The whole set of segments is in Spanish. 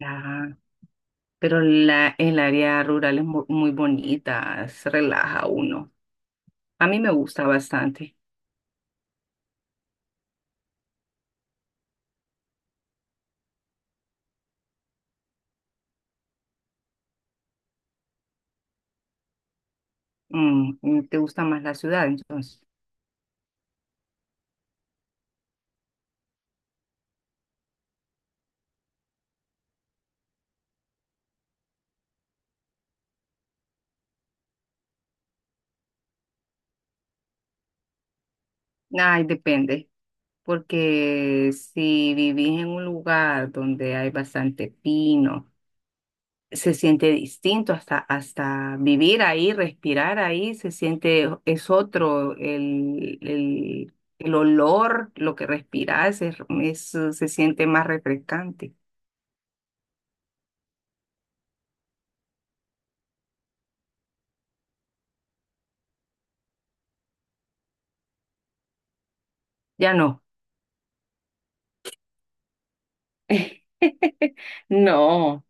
Ah, pero el área rural es muy bonita, se relaja uno. A mí me gusta bastante. ¿Te gusta más la ciudad entonces? Ay, depende, porque si vivís en un lugar donde hay bastante pino, se siente distinto hasta vivir ahí, respirar ahí, se siente, es otro, el olor, lo que respirás, es, se siente más refrescante. Ya no. No,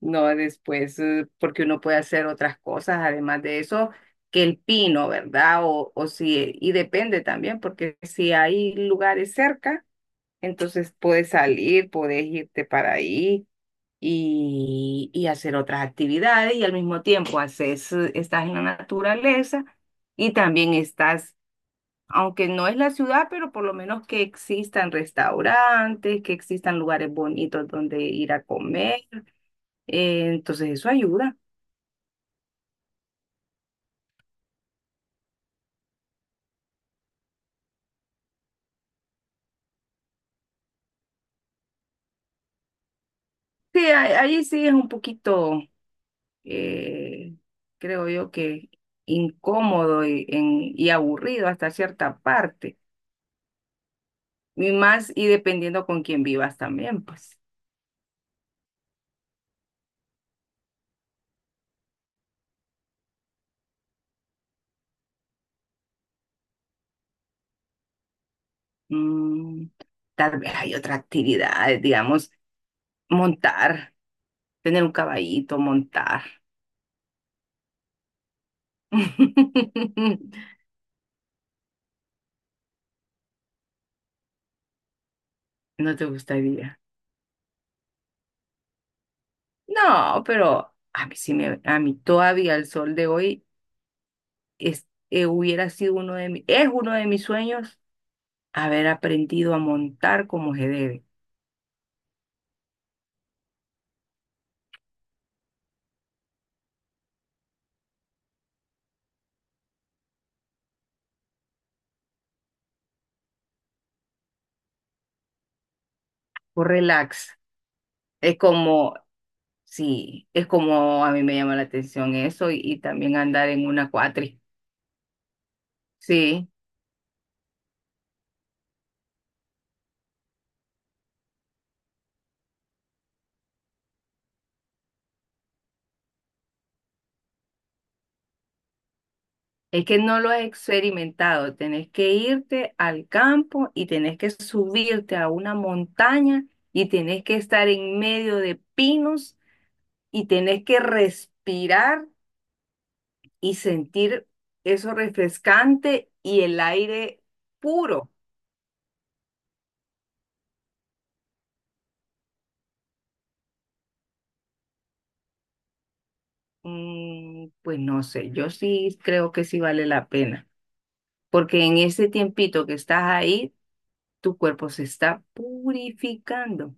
no después, porque uno puede hacer otras cosas, además de eso, que el pino, ¿verdad? O si, y depende también, porque si hay lugares cerca, entonces puedes salir, puedes irte para ahí y hacer otras actividades y al mismo tiempo haces, estás en la naturaleza y también estás, aunque no es la ciudad, pero por lo menos que existan restaurantes, que existan lugares bonitos donde ir a comer, entonces eso ayuda. Sí, ahí sí es un poquito, eh, creo yo que incómodo y, y aburrido hasta cierta parte. Y más, y dependiendo con quién vivas también, pues. Mm, tal vez hay otra actividad, digamos, montar, tener un caballito, montar. ¿No te gustaría? No, pero a mí sí me, a mí todavía el sol de hoy. Es, hubiera sido uno de es uno de mis sueños haber aprendido a montar como se debe, por relax. Es como, sí, es como a mí me llama la atención eso y también andar en una cuatri. Sí, es que no lo he experimentado. Tenés que irte al campo y tenés que subirte a una montaña y tenés que estar en medio de pinos y tenés que respirar y sentir eso refrescante y el aire puro. Mm, pues no sé, yo sí creo que sí vale la pena, porque en ese tiempito que estás ahí, tu cuerpo se está purificando,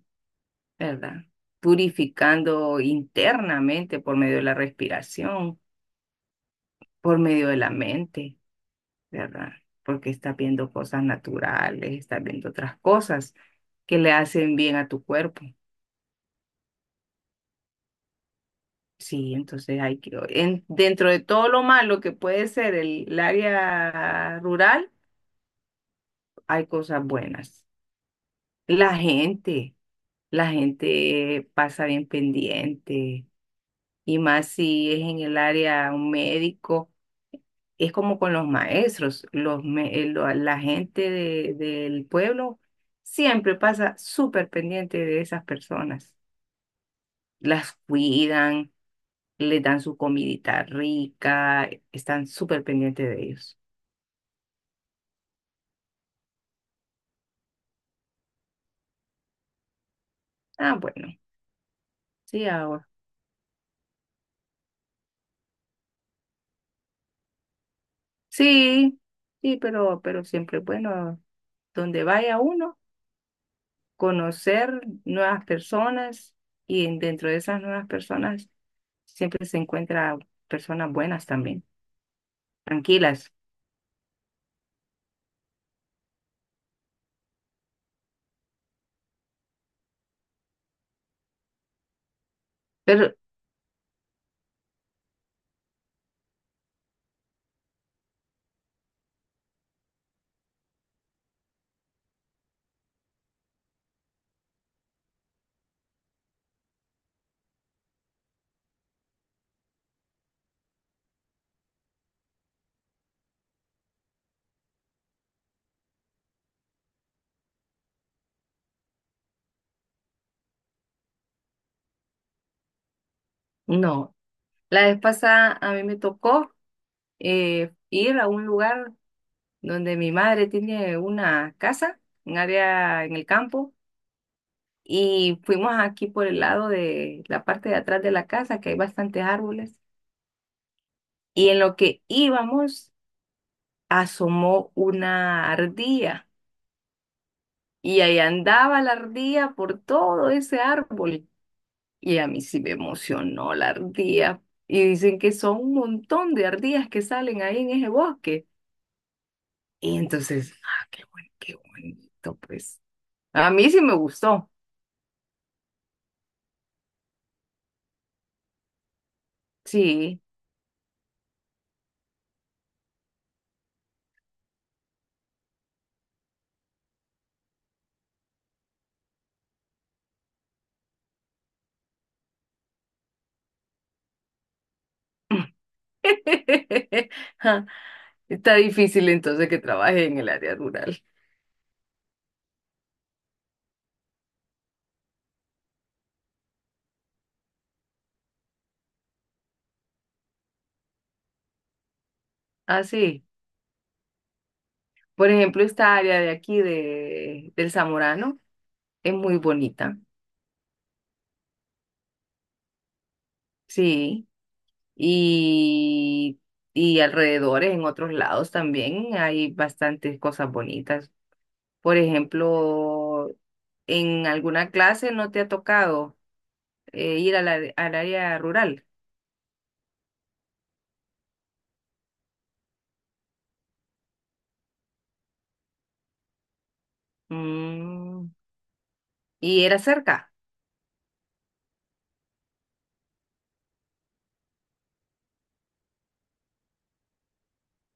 ¿verdad? Purificando internamente por medio de la respiración, por medio de la mente, ¿verdad? Porque estás viendo cosas naturales, estás viendo otras cosas que le hacen bien a tu cuerpo. Sí, entonces hay que, dentro de todo lo malo que puede ser el área rural, hay cosas buenas. La gente, la gente pasa bien pendiente, y más si es en el área un médico, es como con los maestros, la gente del pueblo siempre pasa súper pendiente de esas personas. Las cuidan, les dan su comidita rica, están súper pendientes de ellos. Ah, bueno, sí hago. Sí, sí, pero siempre es bueno donde vaya uno, conocer nuevas personas y dentro de esas nuevas personas siempre se encuentra personas buenas también, tranquilas. Pero no, la vez pasada a mí me tocó, ir a un lugar donde mi madre tiene una casa, un área en el campo, y fuimos aquí por el lado de la parte de atrás de la casa, que hay bastantes árboles y en lo que íbamos asomó una ardilla y ahí andaba la ardilla por todo ese árbol y a mí sí me emocionó la ardilla y dicen que son un montón de ardillas que salen ahí en ese bosque y entonces, ah, qué bueno, qué bonito, pues a mí sí me gustó, sí. Ja, está difícil entonces que trabaje en el área rural. Ah, sí. Por ejemplo, esta área de aquí del Zamorano. Es muy bonita, sí. Y, y alrededores, en otros lados también hay bastantes cosas bonitas. Por ejemplo, en alguna clase no te ha tocado, ir a al área rural. Mm, y era cerca.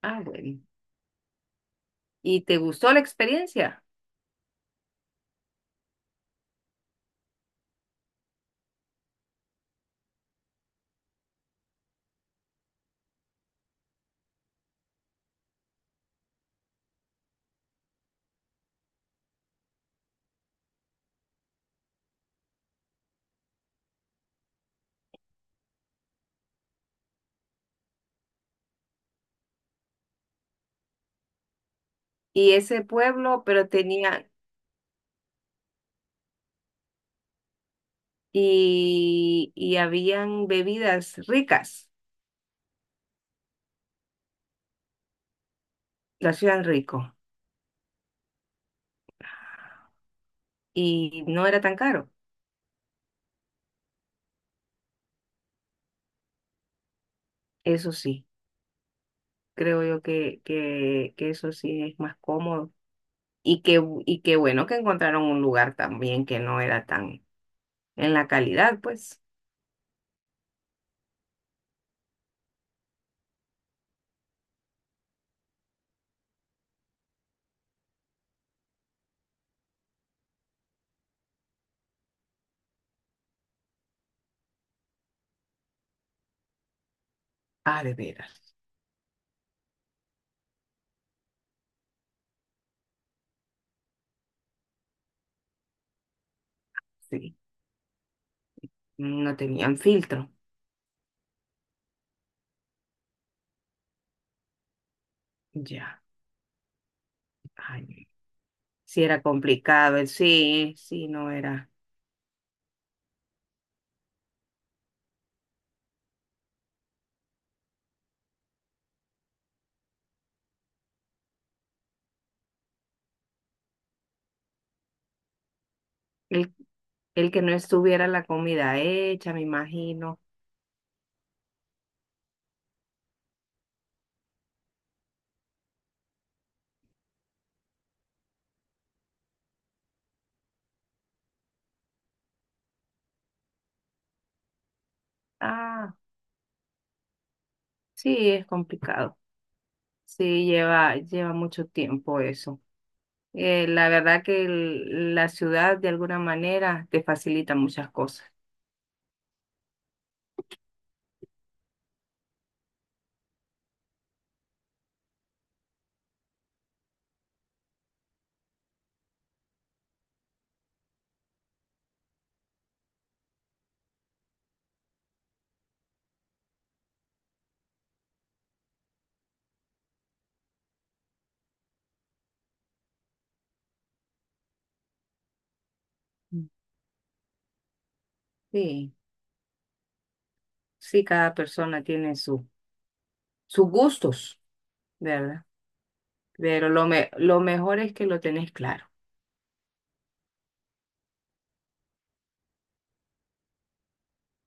Ah, bueno. Y te gustó la experiencia. Y ese pueblo, pero tenía, y habían bebidas ricas, lo hacían rico. Y no era tan caro, eso sí. Creo yo que, que eso sí es más cómodo. Y que bueno que encontraron un lugar también que no era tan en la calidad, pues. Ah, de veras, sí. No tenían filtro. Ya. Ay, sí era complicado. Sí, sí, no era. El, el que no estuviera la comida hecha, me imagino. Ah, sí, es complicado. Sí, lleva mucho tiempo eso. La verdad que la ciudad de alguna manera te facilita muchas cosas. Mm. Sí, sí, cada persona tiene su, sus gustos, ¿verdad? Pero lo, lo mejor es que lo tenés claro.